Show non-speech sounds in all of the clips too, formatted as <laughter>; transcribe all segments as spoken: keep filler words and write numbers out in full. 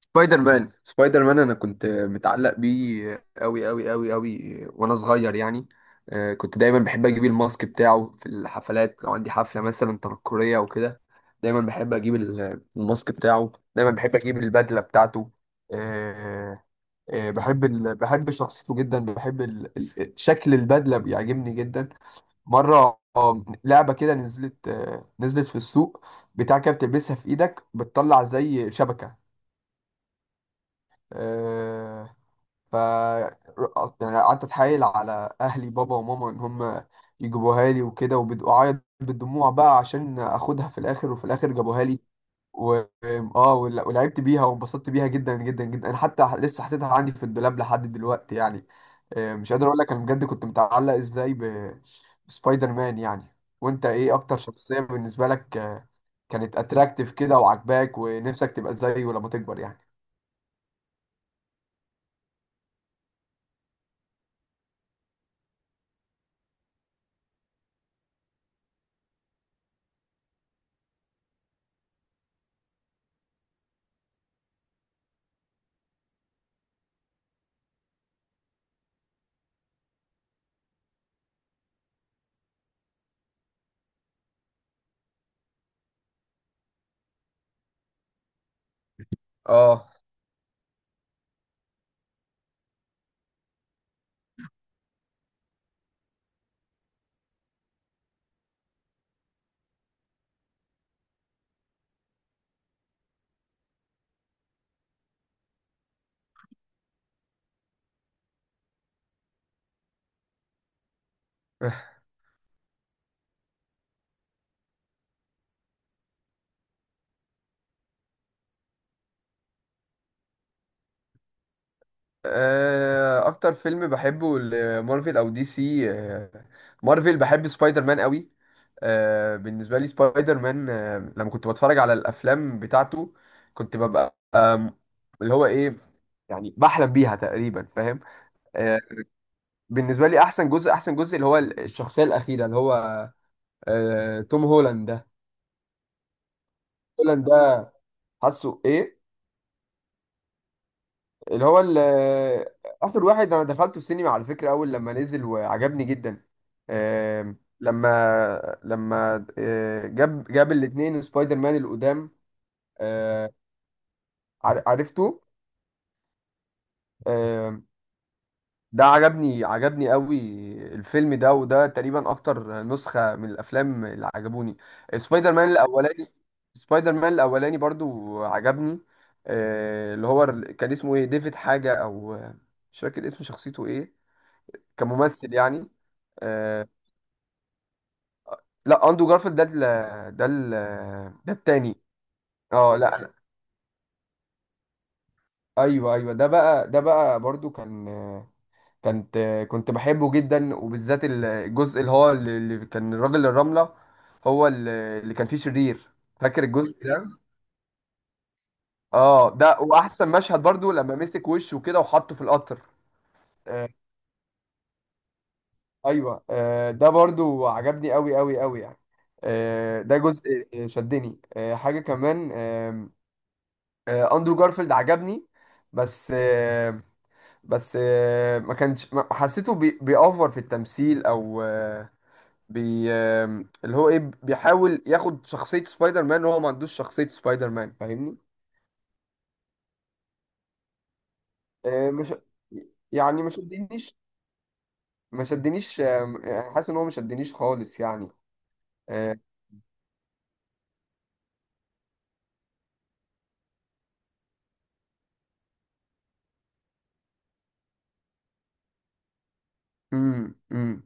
سبايدر مان سبايدر مان انا كنت متعلق بيه قوي قوي قوي قوي، وانا صغير يعني. آه، كنت دايما بحب اجيب الماسك بتاعه في الحفلات، لو عندي حفله مثلا تنكريه او كده. دايما بحب اجيب ال- الماسك بتاعه، دايما بحب اجيب البدله بتاعته. آه، آه، بحب ال... بحب شخصيته جدا. بحب ال... ال- شكل البدله بيعجبني جدا. مره آه، لعبه كده نزلت، آه، نزلت في السوق، بتاع كده بتلبسها في ايدك بتطلع زي شبكه. آه، ف يعني قعدت اتحايل على اهلي بابا وماما ان هم يجيبوها لي وكده، وبعيط بالدموع بقى عشان اخدها. في الاخر وفي الاخر جابوها لي و... اه ول- ولعبت بيها وانبسطت بيها جدا جدا جدا. انا حتى لسه حاططها عندي في الدولاب لحد دلوقتي يعني. آه، مش قادر اقول لك انا بجد كنت متعلق ازاي ب... بسبايدر مان يعني. وانت ايه اكتر شخصية بالنسبة لك آه، كانت اتراكتيف كده وعجباك ونفسك تبقى زيه لما تكبر يعني. اه. <laughs> آه، اكتر فيلم بحبه مارفل او دي سي آه، مارفل، بحب سبايدر مان قوي. آه، بالنسبه لي سبايدر مان. آه، لما كنت بتفرج على الافلام بتاعته كنت ببقى، آم، اللي هو ايه، يعني بحلم بيها تقريبا، فاهم. آه، بالنسبه لي احسن جزء، احسن جزء اللي هو الشخصيه الاخيره، اللي هو آه، توم هولاند ده. هولاند ده حاسه ايه؟ اللي هو ال- اخر واحد انا دخلته السينما على فكره اول لما نزل، وعجبني جدا. آم، لما لما آه، جاب جاب الاثنين سبايدر مان القدام. آه، عر- عرفته. آم، ده عجبني، عجبني قوي الفيلم ده. وده تقريبا اكتر نسخه من الافلام اللي عجبوني. سبايدر مان الاولاني، سبايدر مان الاولاني برضو عجبني. آه، اللي هو ال- كان اسمه ايه؟ ديفيد حاجه، او مش فاكر اسم شخصيته ايه كممثل يعني. آه لا، اندرو جارفيلد ده ال ده ال ده التاني. اه، لا لا، ايوه ايوه، ده بقى ده بقى برضو كان كانت كنت بحبه جدا، وبالذات الجزء اللي هو اللي اللي كان الراجل الرملة، هو اللي اللي كان فيه شرير. فاكر الجزء ده؟ اه، ده. واحسن مشهد برضو لما مسك وشه كده وحطه في القطر. آه ايوه، آه ده برضو عجبني قوي قوي قوي يعني. آه ده جزء شدني، آه حاجة كمان. آه، اندرو جارفيلد عجبني، بس آه، بس آه، ما كانش ما- حسيته بي- بيأوفر في التمثيل، او آه، بي آه، اللي هو ايه، بيحاول ياخد شخصية سبايدر مان وهو ما عندوش شخصية سبايدر مان، فاهمني. آه، مش يعني ما شدنيش. ما شدنيش آه، يعني حاسس ان هو ما شدنيش خالص يعني. آه، امم امم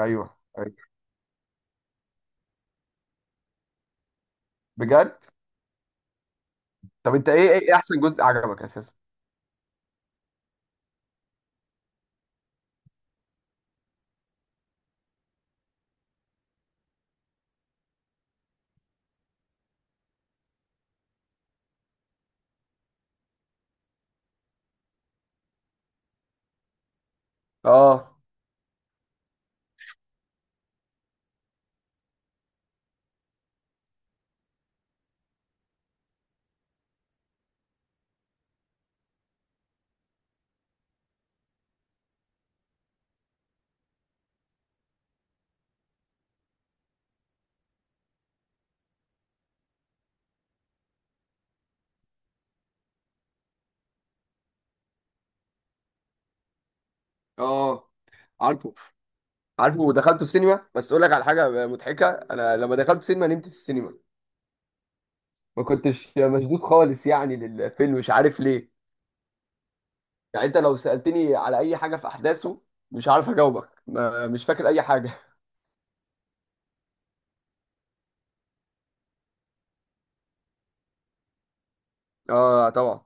ايوه، أيوة. بجد؟ طب انت ايه، ايه إيه احسن جزء عجبك اساسا؟ اه، اه، عارفه، عارفه، ودخلته في سينما. بس اقول لك على حاجه مضحكه، انا لما دخلت سينما نمت في السينما، ما كنتش مشدود خالص يعني للفيلم، مش عارف ليه. يعني انت لو سالتني على اي حاجه في احداثه مش عارف اجاوبك، ما مش فاكر اي حاجه. <laughs> اه، طبعا.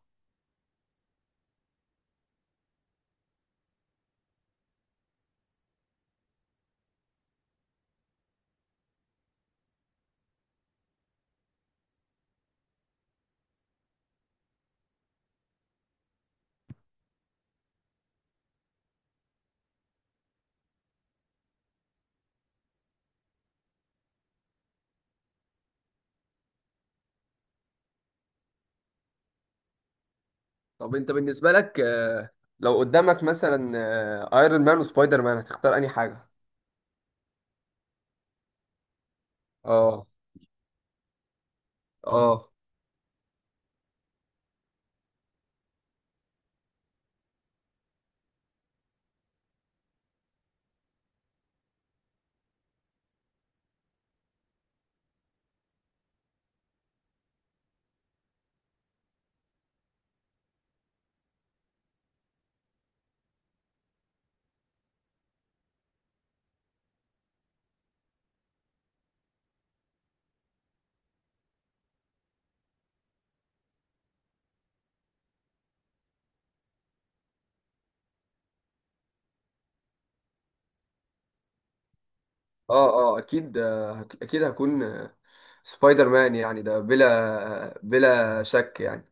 طب انت بالنسبه لك، آه، لو قدامك مثلا آه، ايرون مان وسبايدر مان هتختار انهي حاجه؟ اه، اه، اه، اه، اكيد، آه، اكيد هكون آه، سبايدر مان يعني، ده بلا، آه، بلا شك يعني.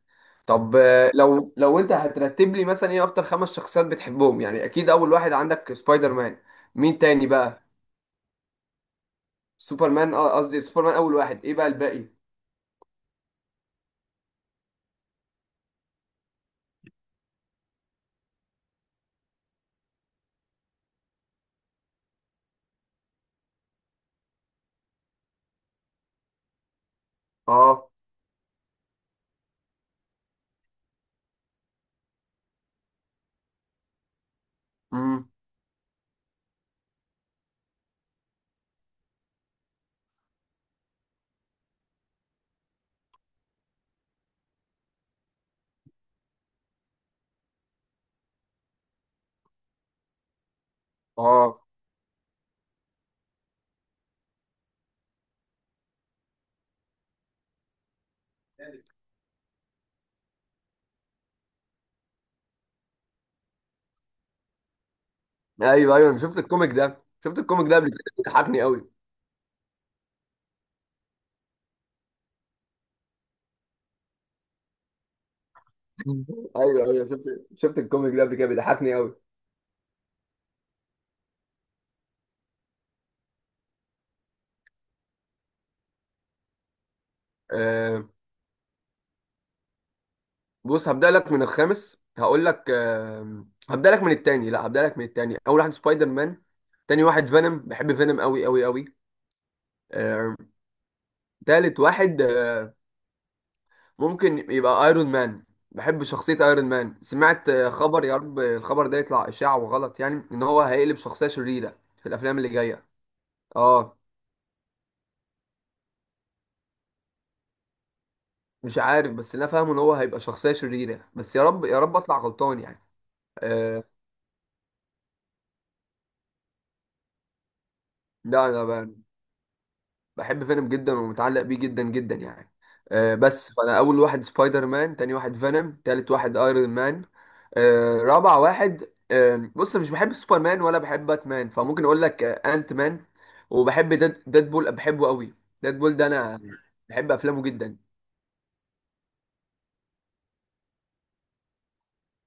طب آه، لو لو انت هترتب لي مثلا ايه اكتر خمس شخصيات بتحبهم يعني، اكيد اول واحد عندك سبايدر مان، مين تاني بقى؟ سوبرمان. اه، قصدي سوبرمان اول واحد، ايه بقى الباقي؟ اه، امم، اه، ايوه، ايوه، انا شفت الكوميك ده، شفت الكوميك ده قبل كده، بيضحكني قوي. <laughs> ايوه، ايوه، شفت، شفت الكوميك ده قبل كده بيضحكني قوي. آه بص، هبدأ لك من الخامس. هقول لك آه هبدأ لك من التاني. لا، هبدأ لك من التاني. اول واحد سبايدر مان، تاني واحد فينوم، بحب فينوم قوي قوي قوي. تالت واحد آه، ممكن يبقى ايرون مان. بحب شخصية ايرون مان. سمعت آه، خبر، يا رب الخبر ده يطلع اشاعة وغلط يعني، ان هو هيقلب شخصية شريرة في الافلام اللي جاية. اه، مش عارف، بس اللي انا فاهمه ان هو هيبقى شخصية شريرة، بس يا رب يا رب اطلع غلطان يعني. آه لا، انا بحب فينوم جدا ومتعلق بيه جدا جدا يعني. آه مم. بس فانا اول واحد سبايدر مان، تاني واحد فينوم، تالت واحد ايرون مان. آه رابع واحد، آه بص مش بحب سوبر مان ولا بحب باتمان، فممكن اقول لك آه انت مان. وبحب ديد ديدبول، بحبه قوي. ديدبول ده انا بحب افلامه جدا.